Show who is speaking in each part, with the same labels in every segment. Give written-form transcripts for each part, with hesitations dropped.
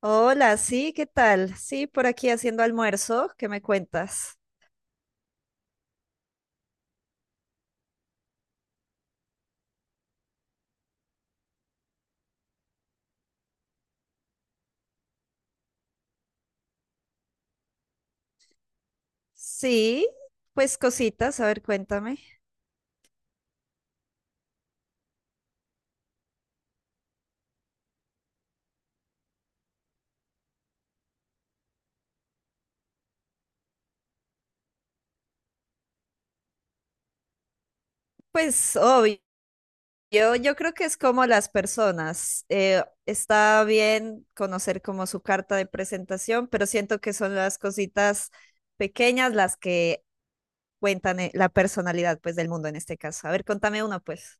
Speaker 1: Hola, sí, ¿qué tal? Sí, por aquí haciendo almuerzo, ¿qué me cuentas? Sí, pues cositas, a ver, cuéntame. Pues obvio, yo creo que es como las personas, está bien conocer como su carta de presentación, pero siento que son las cositas pequeñas las que cuentan la personalidad pues del mundo en este caso. A ver, contame uno pues.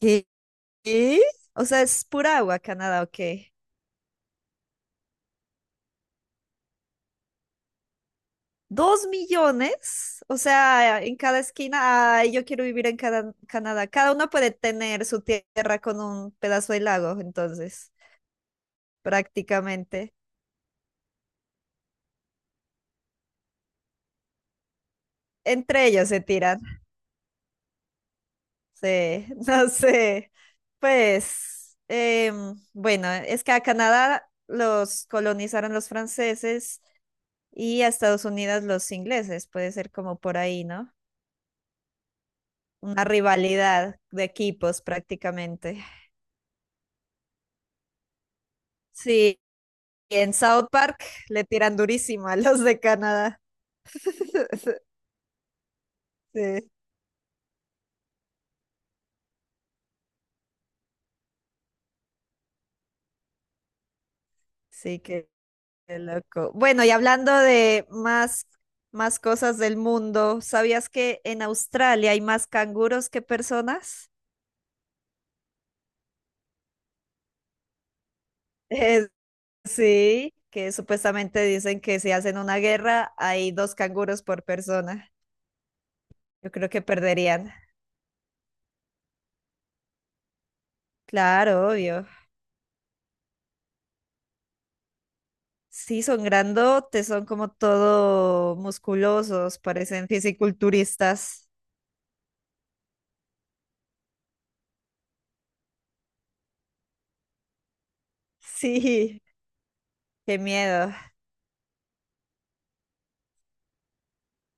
Speaker 1: ¿Qué? ¿Qué? O sea, ¿es pura agua Canadá o qué? 2 millones, o sea, en cada esquina, ay, yo quiero vivir en cada, Canadá. Cada uno puede tener su tierra con un pedazo de lago, entonces, prácticamente. Entre ellos se tiran. Sí, no sé. Pues, bueno, es que a Canadá los colonizaron los franceses y a Estados Unidos los ingleses. Puede ser como por ahí, ¿no? Una rivalidad de equipos prácticamente. Sí, y en South Park le tiran durísimo a los de Canadá. Sí, sí, qué loco. Bueno, y hablando de más cosas del mundo, ¿sabías que en Australia hay más canguros que personas? Eh, sí, que supuestamente dicen que si hacen una guerra hay dos canguros por persona. Yo creo que perderían. Claro, obvio. Sí, son grandotes, son como todo musculosos, parecen fisiculturistas. Sí, qué miedo.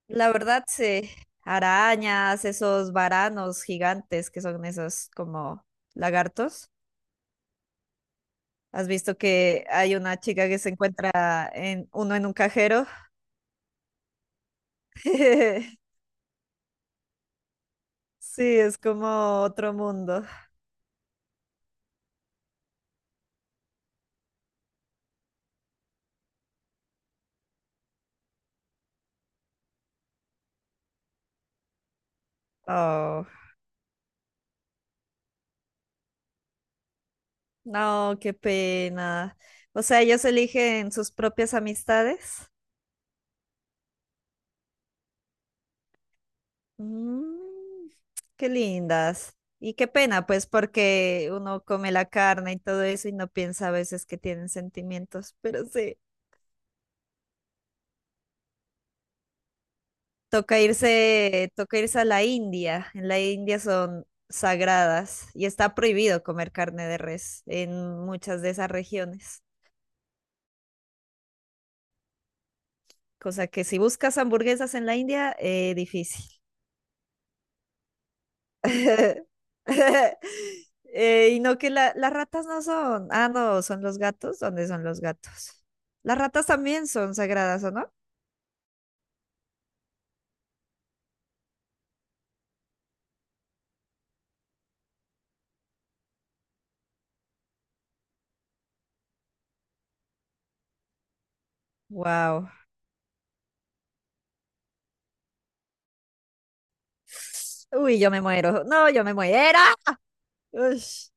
Speaker 1: La verdad, sí. Arañas, esos varanos gigantes que son esos como lagartos. ¿Has visto que hay una chica que se encuentra en uno en un cajero? Sí, es como otro mundo. Oh, no, qué pena. O sea, ellos eligen sus propias amistades. Mm, qué lindas. Y qué pena, pues, porque uno come la carne y todo eso y no piensa a veces que tienen sentimientos, pero sí. Toca irse a la India. En la India son sagradas y está prohibido comer carne de res en muchas de esas regiones. Cosa que si buscas hamburguesas en la India, difícil. Y no que las ratas no son. Ah, no, son los gatos. ¿Dónde son los gatos? Las ratas también son sagradas, ¿o no? Wow. Uy, yo me muero. No, yo me muero. Ush,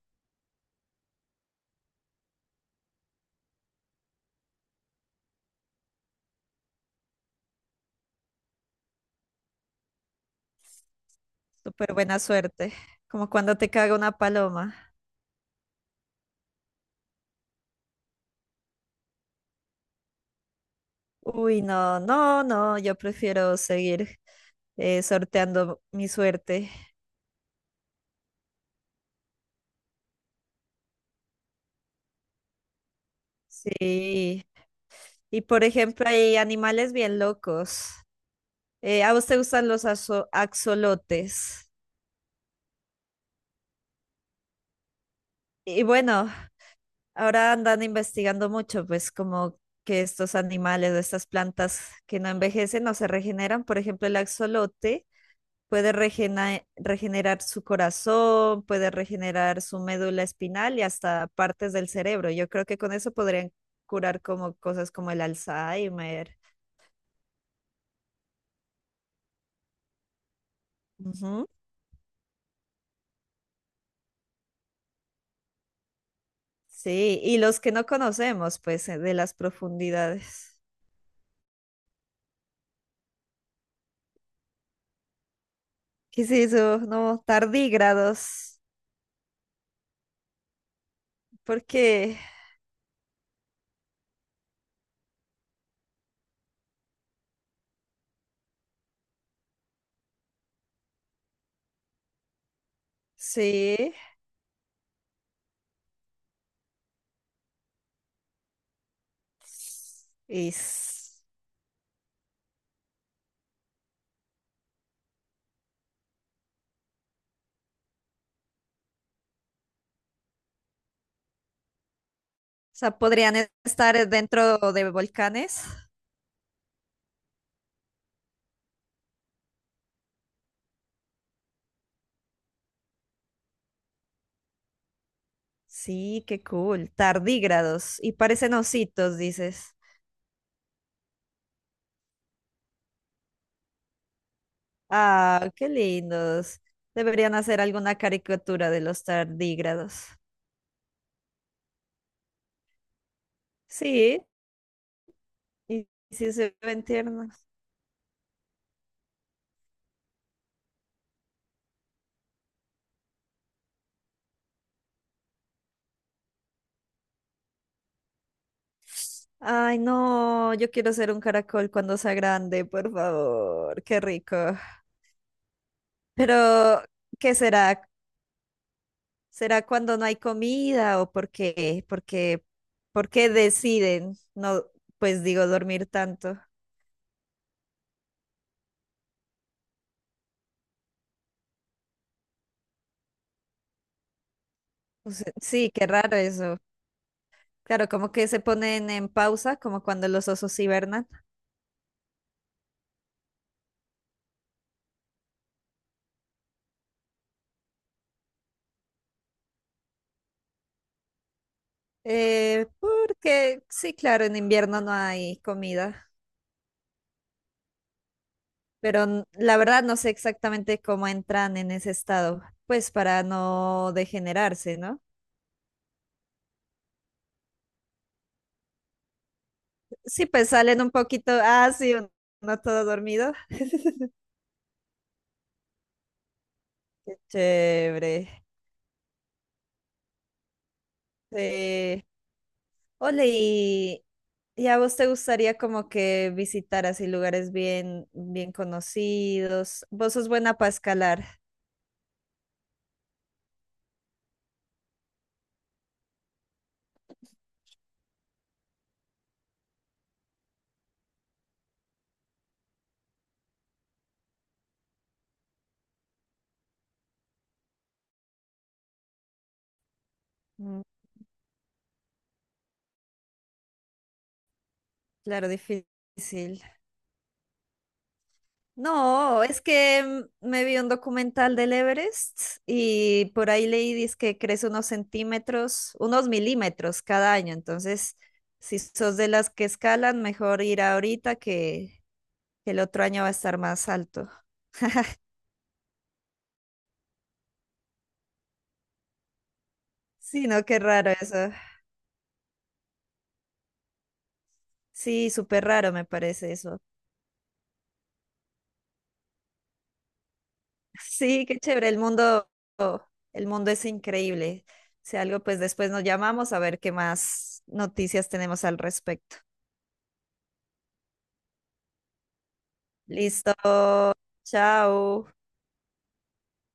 Speaker 1: súper buena suerte. Como cuando te caga una paloma. Uy, no, no, no. Yo prefiero seguir sorteando mi suerte. Sí. Y por ejemplo, hay animales bien locos. ¿A vos te gustan los axolotes? Y bueno, ahora andan investigando mucho, pues como que estos animales o estas plantas que no envejecen o se regeneran. Por ejemplo, el axolote puede regenerar su corazón, puede regenerar su médula espinal y hasta partes del cerebro. Yo creo que con eso podrían curar como cosas como el Alzheimer. Ujú. Sí, y los que no conocemos, pues, de las profundidades. ¿Qué es eso? No, tardígrados. Porque sí, es... o sea, podrían estar dentro de volcanes. Sí, qué cool. Tardígrados. Y parecen ositos, dices. Ah, qué lindos. Deberían hacer alguna caricatura de los tardígrados. Sí, y sí se ven tiernos. Ay, no, yo quiero ser un caracol cuando sea grande, por favor. Qué rico. Pero, ¿qué será? ¿Será cuando no hay comida o por qué? ¿Por qué deciden no, pues digo, dormir tanto? O sea, sí, qué raro eso. Claro, como que se ponen en pausa, como cuando los osos hibernan. Porque sí, claro, en invierno no hay comida, pero la verdad no sé exactamente cómo entran en ese estado, pues para no degenerarse, ¿no? Sí, pues salen un poquito, ah, sí, uno todo dormido. Qué chévere. Eh, Ole, ¿y a vos te gustaría como que visitar así lugares bien, bien conocidos? Vos sos buena para escalar. Mm, claro, difícil. No, es que me vi un documental del Everest y por ahí leí dizque que crece unos centímetros, unos milímetros cada año. Entonces, si sos de las que escalan, mejor ir ahorita que el otro año va a estar más alto. Sí, no, qué raro eso. Sí, súper raro me parece eso. Sí, qué chévere, el mundo es increíble. Si algo, pues después nos llamamos a ver qué más noticias tenemos al respecto. Listo, chao.